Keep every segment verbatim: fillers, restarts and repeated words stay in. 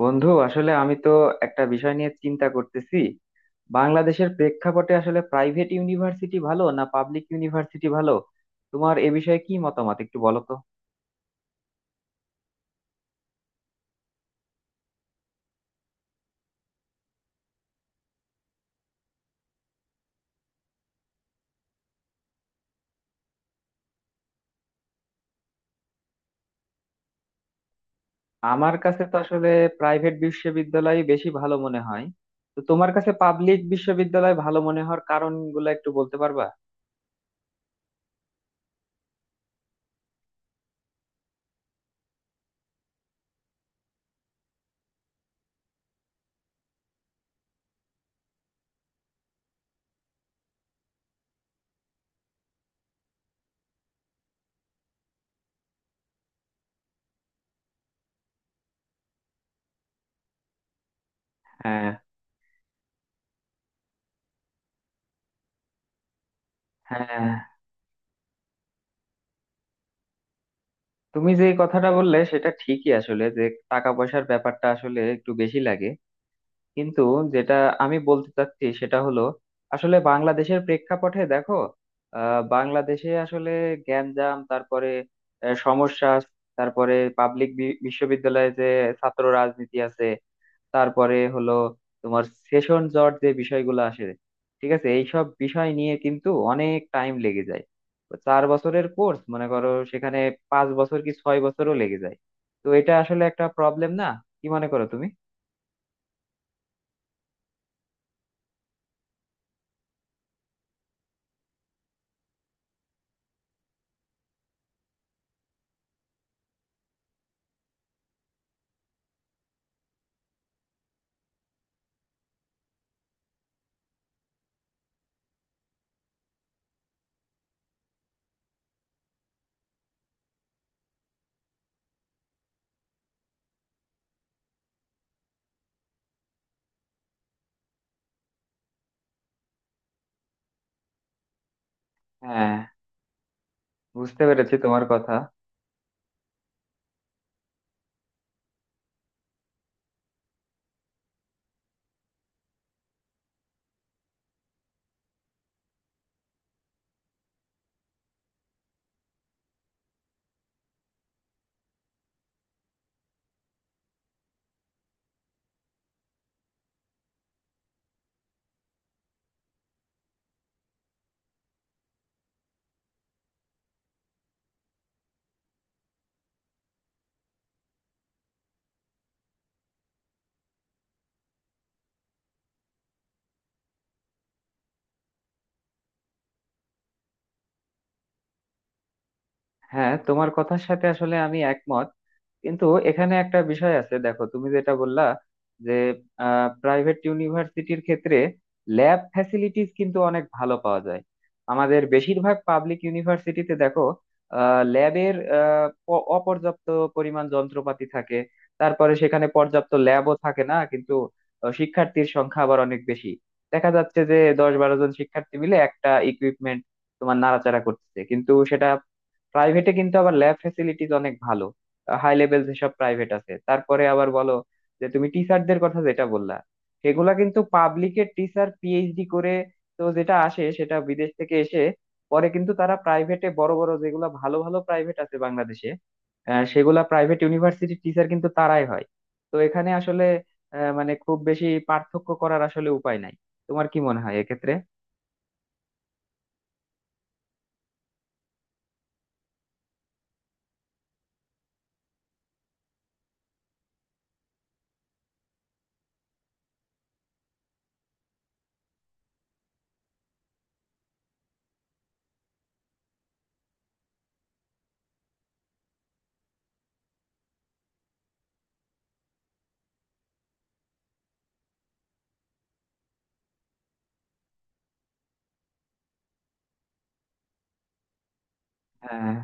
বন্ধু আসলে আমি তো একটা বিষয় নিয়ে চিন্তা করতেছি। বাংলাদেশের প্রেক্ষাপটে আসলে প্রাইভেট ইউনিভার্সিটি ভালো না পাবলিক ইউনিভার্সিটি ভালো? তোমার এ বিষয়ে কি মতামত একটু বলো তো। আমার কাছে তো আসলে প্রাইভেট বিশ্ববিদ্যালয় বেশি ভালো মনে হয়। তো তোমার কাছে পাবলিক বিশ্ববিদ্যালয় ভালো মনে হওয়ার কারণগুলো একটু বলতে পারবা? হ্যাঁ হ্যাঁ, তুমি যে কথাটা বললে সেটা ঠিকই আসলে, যে টাকা পয়সার ব্যাপারটা আসলে একটু বেশি লাগে। কিন্তু যেটা আমি বলতে চাচ্ছি সেটা হলো, আসলে বাংলাদেশের প্রেক্ষাপটে দেখো, আহ, বাংলাদেশে আসলে গ্যাঞ্জাম, তারপরে আহ, সমস্যা, তারপরে পাবলিক বিশ্ববিদ্যালয়ে যে ছাত্র রাজনীতি আছে, তারপরে হলো তোমার সেশন জট, যে বিষয়গুলো আসে। ঠিক আছে, এইসব বিষয় নিয়ে কিন্তু অনেক টাইম লেগে যায়। তো চার বছরের কোর্স মনে করো, সেখানে পাঁচ বছর কি ছয় বছরও লেগে যায়। তো এটা আসলে একটা প্রবলেম না? কি মনে করো তুমি? হ্যাঁ, বুঝতে পেরেছি তোমার কথা। হ্যাঁ, তোমার কথার সাথে আসলে আমি একমত। কিন্তু এখানে একটা বিষয় আছে, দেখো তুমি যেটা বললা, যে প্রাইভেট ইউনিভার্সিটির ক্ষেত্রে ল্যাব ফ্যাসিলিটিস কিন্তু অনেক ভালো পাওয়া যায়। আমাদের বেশিরভাগ পাবলিক ইউনিভার্সিটিতে দেখো, ল্যাবের অপর্যাপ্ত পরিমাণ যন্ত্রপাতি থাকে, তারপরে সেখানে পর্যাপ্ত ল্যাবও থাকে না, কিন্তু আহ, শিক্ষার্থীর সংখ্যা আবার অনেক বেশি। দেখা যাচ্ছে যে দশ বারো জন শিক্ষার্থী মিলে একটা ইকুইপমেন্ট তোমার নাড়াচাড়া করতেছে, কিন্তু সেটা প্রাইভেটে কিন্তু আবার ল্যাব ফ্যাসিলিটিস অনেক ভালো, হাই লেভেল যেসব প্রাইভেট আছে। তারপরে আবার বলো, যে তুমি টিচারদের কথা যেটা বললা, সেগুলা কিন্তু পাবলিকের টিচার পিএইচডি করে তো, যেটা আসে সেটা বিদেশ থেকে এসে পরে কিন্তু তারা প্রাইভেটে বড় বড় যেগুলা ভালো ভালো প্রাইভেট আছে বাংলাদেশে, আহ, সেগুলা প্রাইভেট ইউনিভার্সিটির টিচার কিন্তু তারাই হয়। তো এখানে আসলে আহ, মানে খুব বেশি পার্থক্য করার আসলে উপায় নাই। তোমার কি মনে হয় এক্ষেত্রে? হ্যাঁ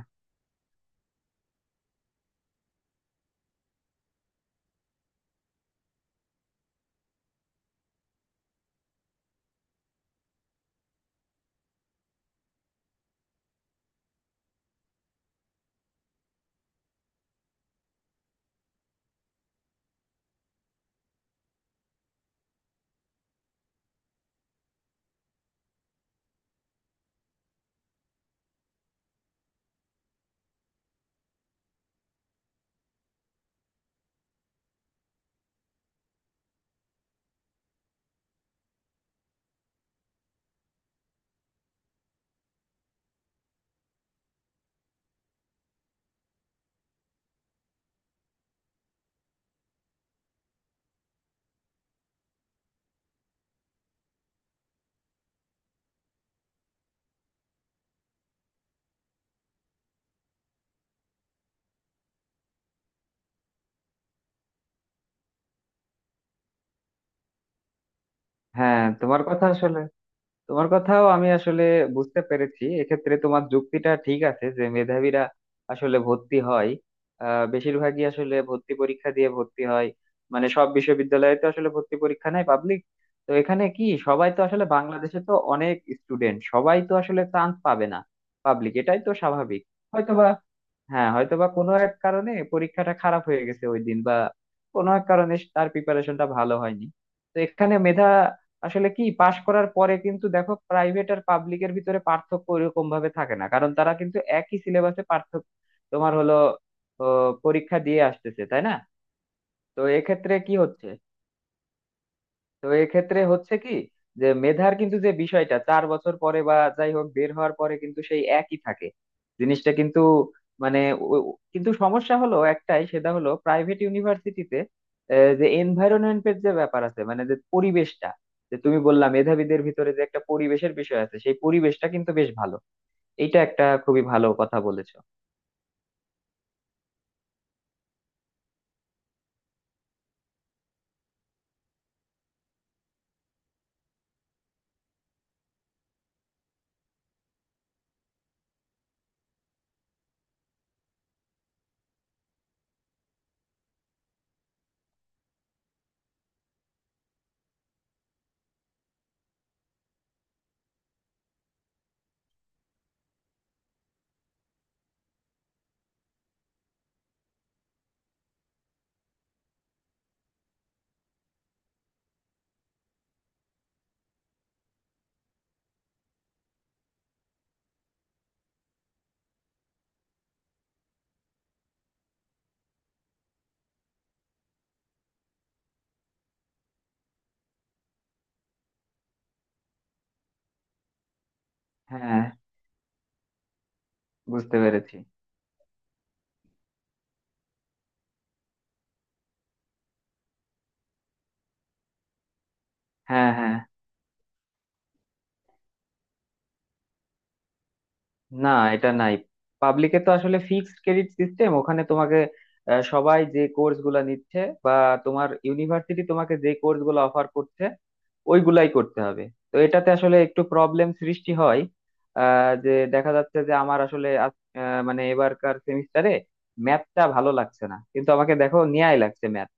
হ্যাঁ, তোমার কথা আসলে, তোমার কথাও আমি আসলে বুঝতে পেরেছি। এক্ষেত্রে তোমার যুক্তিটা ঠিক আছে, যে মেধাবীরা আসলে ভর্তি হয়, আহ বেশিরভাগই আসলে ভর্তি পরীক্ষা দিয়ে ভর্তি হয়। মানে সব বিশ্ববিদ্যালয়ে তো আসলে ভর্তি পরীক্ষা নাই পাবলিক। তো এখানে কি, সবাই তো আসলে বাংলাদেশে তো অনেক স্টুডেন্ট, সবাই তো আসলে চান্স পাবে না পাবলিক, এটাই তো স্বাভাবিক। হয়তোবা, হ্যাঁ, হয়তোবা কোনো এক কারণে পরীক্ষাটা খারাপ হয়ে গেছে ওই দিন, বা কোনো এক কারণে তার প্রিপারেশনটা ভালো হয়নি। তো এখানে মেধা আসলে কি, পাশ করার পরে কিন্তু দেখো প্রাইভেট আর পাবলিকের ভিতরে পার্থক্য ওইরকম ভাবে থাকে না, কারণ তারা কিন্তু একই সিলেবাসে পার্থক্য তোমার হলো ও, পরীক্ষা দিয়ে আসতেছে, তাই না? তো এক্ষেত্রে কি হচ্ছে, তো এক্ষেত্রে হচ্ছে কি, যে মেধার কিন্তু যে বিষয়টা চার বছর পরে বা যাই হোক বের হওয়ার পরে কিন্তু সেই একই থাকে, জিনিসটা কিন্তু, মানে ও- ও- কিন্তু সমস্যা হলো একটাই, সেটা হলো প্রাইভেট ইউনিভার্সিটিতে যে এনভায়রনমেন্টের যে ব্যাপার আছে, মানে যে পরিবেশটা, যে তুমি বললা মেধাবীদের ভিতরে যে একটা পরিবেশের বিষয় আছে, সেই পরিবেশটা কিন্তু বেশ ভালো। এটা একটা খুবই ভালো কথা বলেছো। হ্যাঁ, বুঝতে পেরেছি। হ্যাঁ হ্যাঁ, না, এটা নাই। পাবলিকে তো আসলে ফিক্সড ক্রেডিট সিস্টেম, ওখানে তোমাকে আহ, সবাই যে কোর্স গুলা নিচ্ছে বা তোমার ইউনিভার্সিটি তোমাকে যে কোর্স গুলো অফার করছে ওইগুলাই করতে হবে। তো এটাতে আসলে একটু প্রবলেম সৃষ্টি হয়, আহ, যে দেখা যাচ্ছে যে আমার আসলে আজ- আহ, মানে এবারকার সেমিস্টারে ম্যাথটা ভালো লাগছে না, কিন্তু আমাকে দেখো ন্যায় লাগছে ম্যাথ,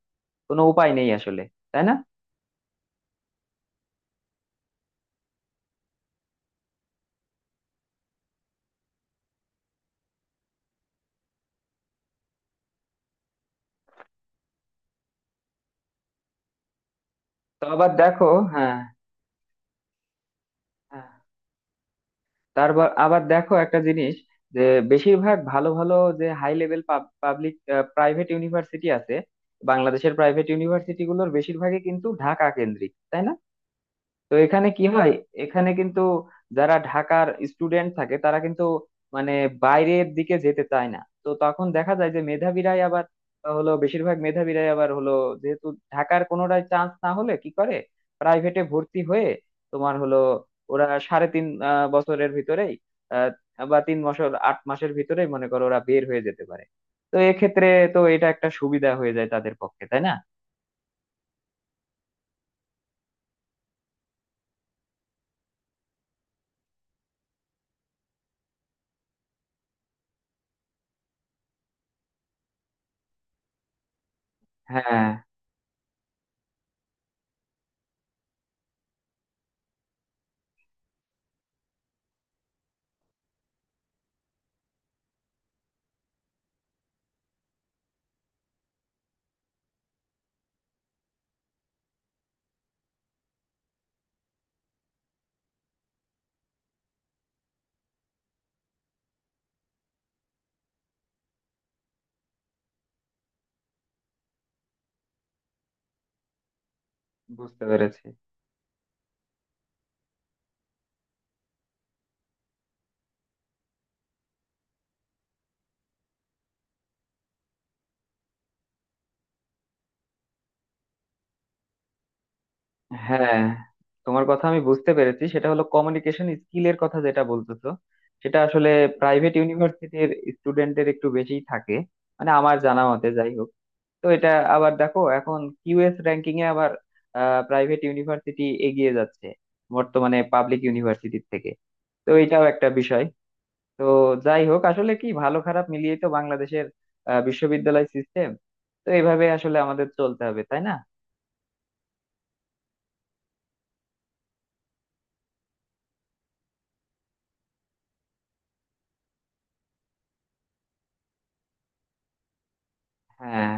কোনো উপায় নেই আসলে, তাই না? তো আবার দেখো, হ্যাঁ হ্যাঁ, তারপর আবার দেখো একটা জিনিস, যে বেশিরভাগ ভালো ভালো, যে high level public private university আছে, বাংলাদেশের প্রাইভেট ইউনিভার্সিটি গুলোর বেশিরভাগই কিন্তু ঢাকা কেন্দ্রিক, তাই না? তো এখানে কি হয়, এখানে কিন্তু যারা ঢাকার স্টুডেন্ট থাকে তারা কিন্তু মানে বাইরের দিকে যেতে চায় না, তো তখন দেখা যায় যে মেধাবীরাই আবার হলো, বেশিরভাগ মেধাবীরাই আবার হলো, যেহেতু ঢাকার কোনোটায় চান্স না হলে কি করে প্রাইভেটে ভর্তি হয়ে তোমার হলো, ওরা সাড়ে তিন আহ, বছরের ভিতরেই, আহ, বা তিন বছর আট মাসের ভিতরেই মনে করো ওরা বের হয়ে যেতে পারে। তো এক্ষেত্রে, তো এটা একটা সুবিধা হয়ে যায় তাদের পক্ষে, তাই না? হ্যাঁ, বুঝতে পেরেছি। হ্যাঁ, তোমার কথা আমি বুঝতে পেরেছি, সেটা হলো কমিউনিকেশন স্কিলের কথা যেটা বলতেছো, সেটা আসলে প্রাইভেট ইউনিভার্সিটির স্টুডেন্টদের একটু বেশিই থাকে, মানে আমার জানা মতে যাই হোক। তো এটা, আবার দেখো এখন কিউএস র্যাঙ্কিং এ আবার প্রাইভেট ইউনিভার্সিটি এগিয়ে যাচ্ছে বর্তমানে পাবলিক ইউনিভার্সিটির থেকে। তো এটাও একটা বিষয়। তো যাই হোক, আসলে কি ভালো খারাপ মিলিয়ে তো বাংলাদেশের আহ, বিশ্ববিদ্যালয় সিস্টেম, তো এইভাবে আসলে আমাদের চলতে হবে, তাই না? হ্যাঁ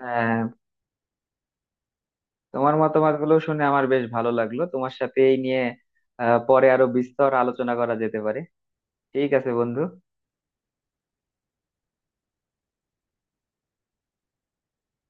হ্যাঁ, তোমার মতামত গুলো শুনে আমার বেশ ভালো লাগলো, তোমার সাথে এই নিয়ে আহ, পরে আরো বিস্তর আলোচনা করা যেতে পারে। ঠিক আছে বন্ধু।